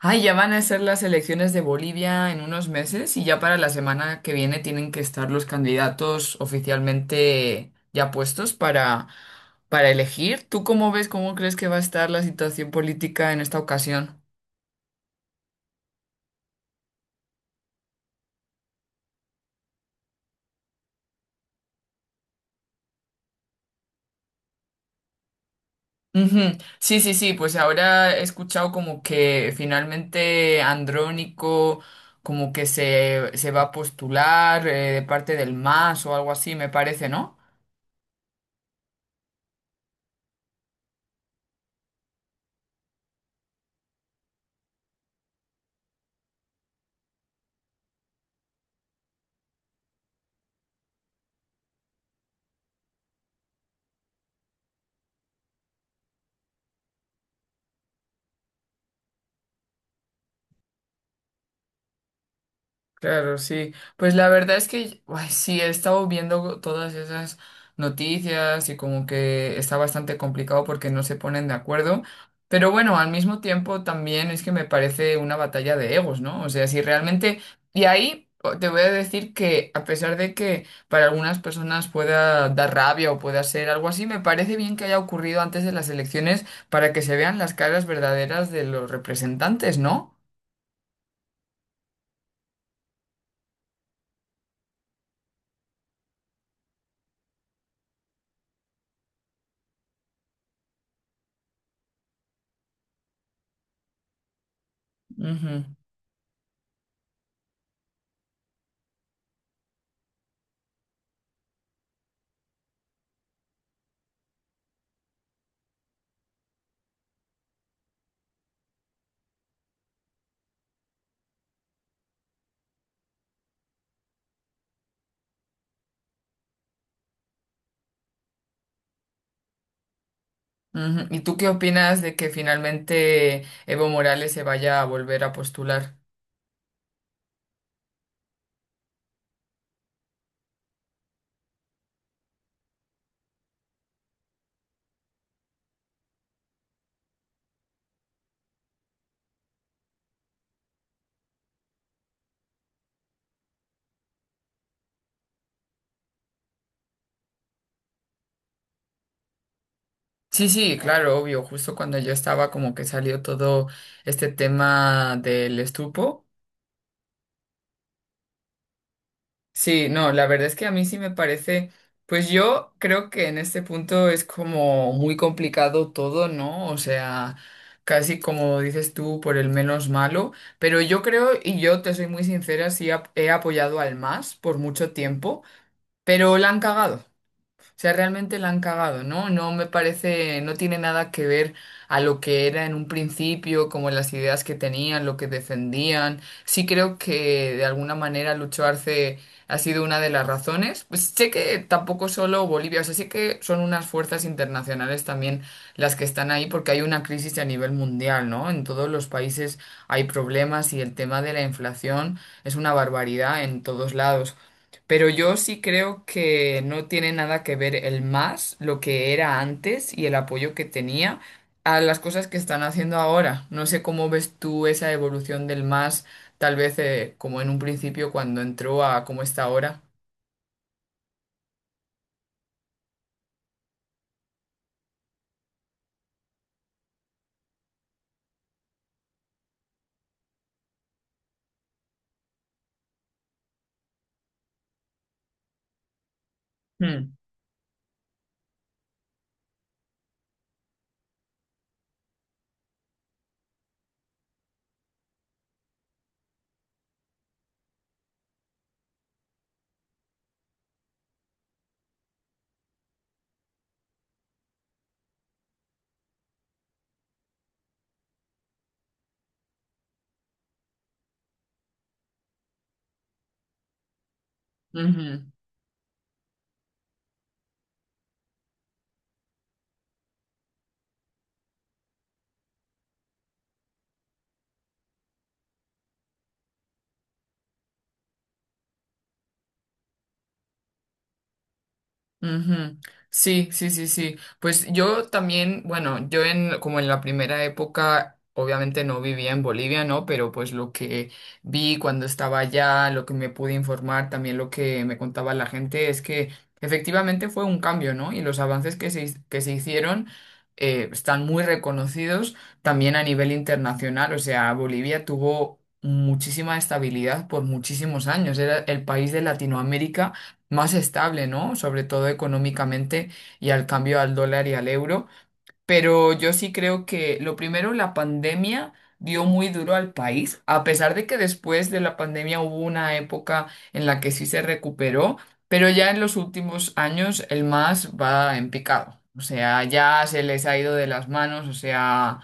Ay, ya van a ser las elecciones de Bolivia en unos meses y ya para la semana que viene tienen que estar los candidatos oficialmente ya puestos para elegir. ¿Tú cómo ves, cómo crees que va a estar la situación política en esta ocasión? Ujú. Sí, sí, sí, pues ahora he escuchado como que finalmente Andrónico como que se va a postular de parte del MAS o algo así, me parece, ¿no? Claro, sí. Pues la verdad es que ay, sí, he estado viendo todas esas noticias y como que está bastante complicado porque no se ponen de acuerdo. Pero bueno, al mismo tiempo también es que me parece una batalla de egos, ¿no? O sea, si realmente... Y ahí te voy a decir que a pesar de que para algunas personas pueda dar rabia o pueda ser algo así, me parece bien que haya ocurrido antes de las elecciones para que se vean las caras verdaderas de los representantes, no. Ujú. Ujú. ¿Y tú qué opinas de que finalmente Evo Morales se vaya a volver a postular? Sí, sí, claro, obvio, justo cuando yo estaba como que salió todo este tema del estupo. Sí, no, la verdad es que a mí sí me parece, pues yo creo que en este punto es como muy complicado todo, ¿no? O sea, casi como dices tú, por el menos malo, pero yo creo, y yo te soy muy sincera, he apoyado al MAS por mucho tiempo, pero la han cagado. Sea, realmente la han cagado, ¿no? No me parece, no tiene nada que ver a lo que era en un principio, como las ideas que tenían, lo que defendían. Sí creo que de alguna manera Lucho Arce ha sido una de las razones. Pues sé que tampoco solo Bolivia, o sea, sí que son unas fuerzas internacionales también las que están ahí porque hay una crisis a nivel mundial, ¿no? En todos los países hay problemas y el tema de la inflación es una barbaridad en todos lados. Pero yo sí creo que no tiene nada que ver el más, lo que era antes y el apoyo que tenía a las cosas que están haciendo ahora. No sé cómo ves tú esa evolución del más, tal vez como en un principio cuando entró a cómo está ahora. Hmm, ujú. Ujú. Sí, sí, sí, sí. Pues yo también, bueno, yo en como en la primera época, obviamente no vivía en Bolivia, ¿no? Pero pues lo que vi cuando estaba allá, lo que me pude informar, también lo que me contaba la gente es que efectivamente fue un cambio, ¿no? Y los avances que se hicieron están muy reconocidos también a nivel internacional. O sea, Bolivia tuvo muchísima estabilidad por muchísimos años. Era el país de Latinoamérica más estable, ¿no? Sobre todo económicamente y al cambio al dólar y al euro. Pero yo sí creo que lo primero, la pandemia dio muy duro al país, a pesar de que después de la pandemia hubo una época en la que sí se recuperó, pero ya en los últimos años el más va en picado. O sea, ya se les ha ido de las manos, o sea...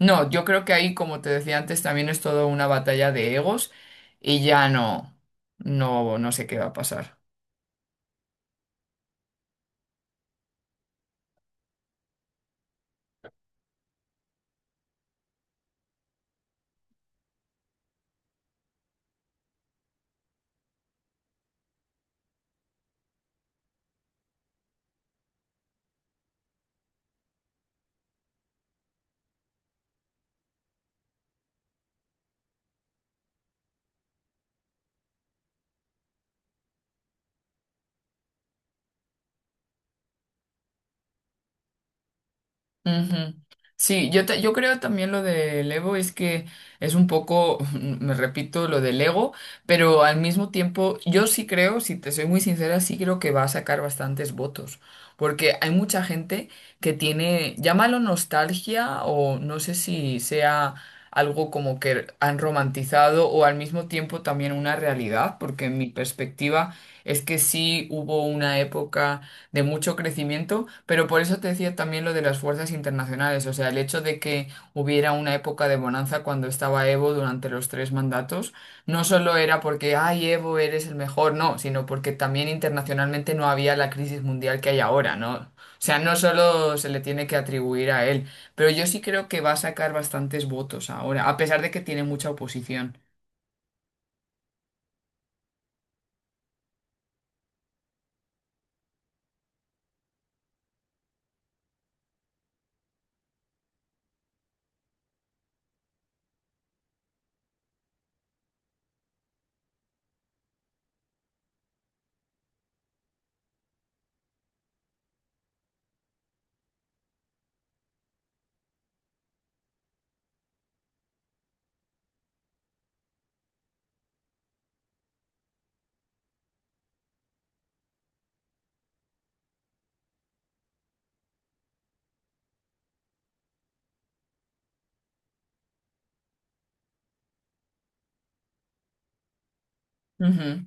No, yo creo que ahí, como te decía antes, también es todo una batalla de egos y ya no sé qué va a pasar. Ujú. Sí, yo creo también lo del ego es que es un poco, me repito, lo del ego, pero al mismo tiempo yo sí creo, si te soy muy sincera, sí creo que va a sacar bastantes votos, porque hay mucha gente que tiene, llámalo nostalgia o no sé si sea algo como que han romantizado o al mismo tiempo también una realidad, porque mi perspectiva es que sí hubo una época de mucho crecimiento, pero por eso te decía también lo de las fuerzas internacionales, o sea, el hecho de que hubiera una época de bonanza cuando estaba Evo durante los tres mandatos, no solo era porque, ay, Evo, eres el mejor, no, sino porque también internacionalmente no había la crisis mundial que hay ahora, ¿no? O sea, no solo se le tiene que atribuir a él, pero yo sí creo que va a sacar bastantes votos ahora, a pesar de que tiene mucha oposición. Ujú.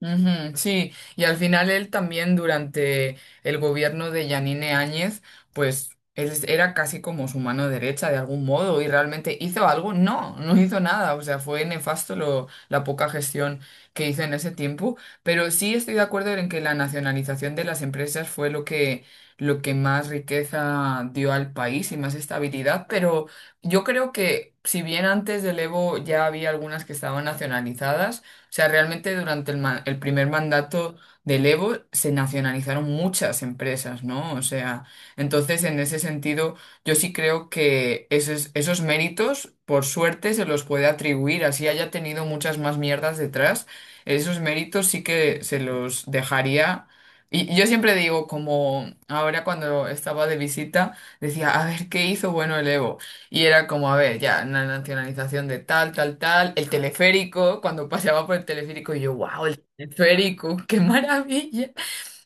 Ujú, sí, y al final él también durante el gobierno de Yanine Áñez, pues era casi como su mano derecha de algún modo y realmente hizo algo, no, no hizo nada, o sea, fue nefasto lo, la poca gestión que hizo en ese tiempo, pero sí estoy de acuerdo en que la nacionalización de las empresas fue lo que más riqueza dio al país y más estabilidad, pero yo creo que si bien antes del Evo ya había algunas que estaban nacionalizadas, sea, realmente durante el primer mandato del Evo se nacionalizaron muchas empresas, ¿no? O sea, entonces en ese sentido yo sí creo que esos méritos, por suerte, se los puede atribuir, así haya tenido muchas más mierdas detrás, esos méritos sí que se los dejaría. Y yo siempre digo, como ahora cuando estaba de visita, decía, a ver, ¿qué hizo bueno el Evo? Y era como, a ver, ya, una nacionalización de tal, tal, tal, el teleférico, cuando paseaba por el teleférico, y yo, wow, el teleférico, qué maravilla.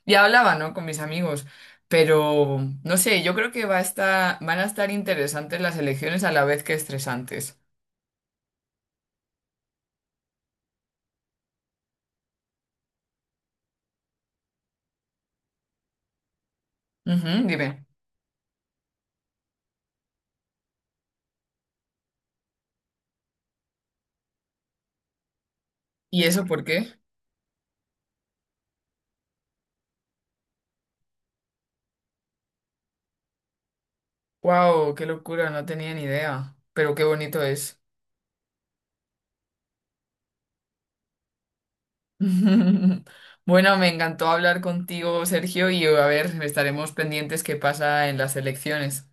Y hablaba, ¿no? Con mis amigos. Pero, no sé, yo creo que va a estar, van a estar interesantes las elecciones a la vez que estresantes. Ujú, dime. ¿Y eso por qué? Wow, qué locura, no tenía ni idea. Pero qué bonito es. Bueno, me encantó hablar contigo, Sergio, y a ver, estaremos pendientes qué pasa en las elecciones.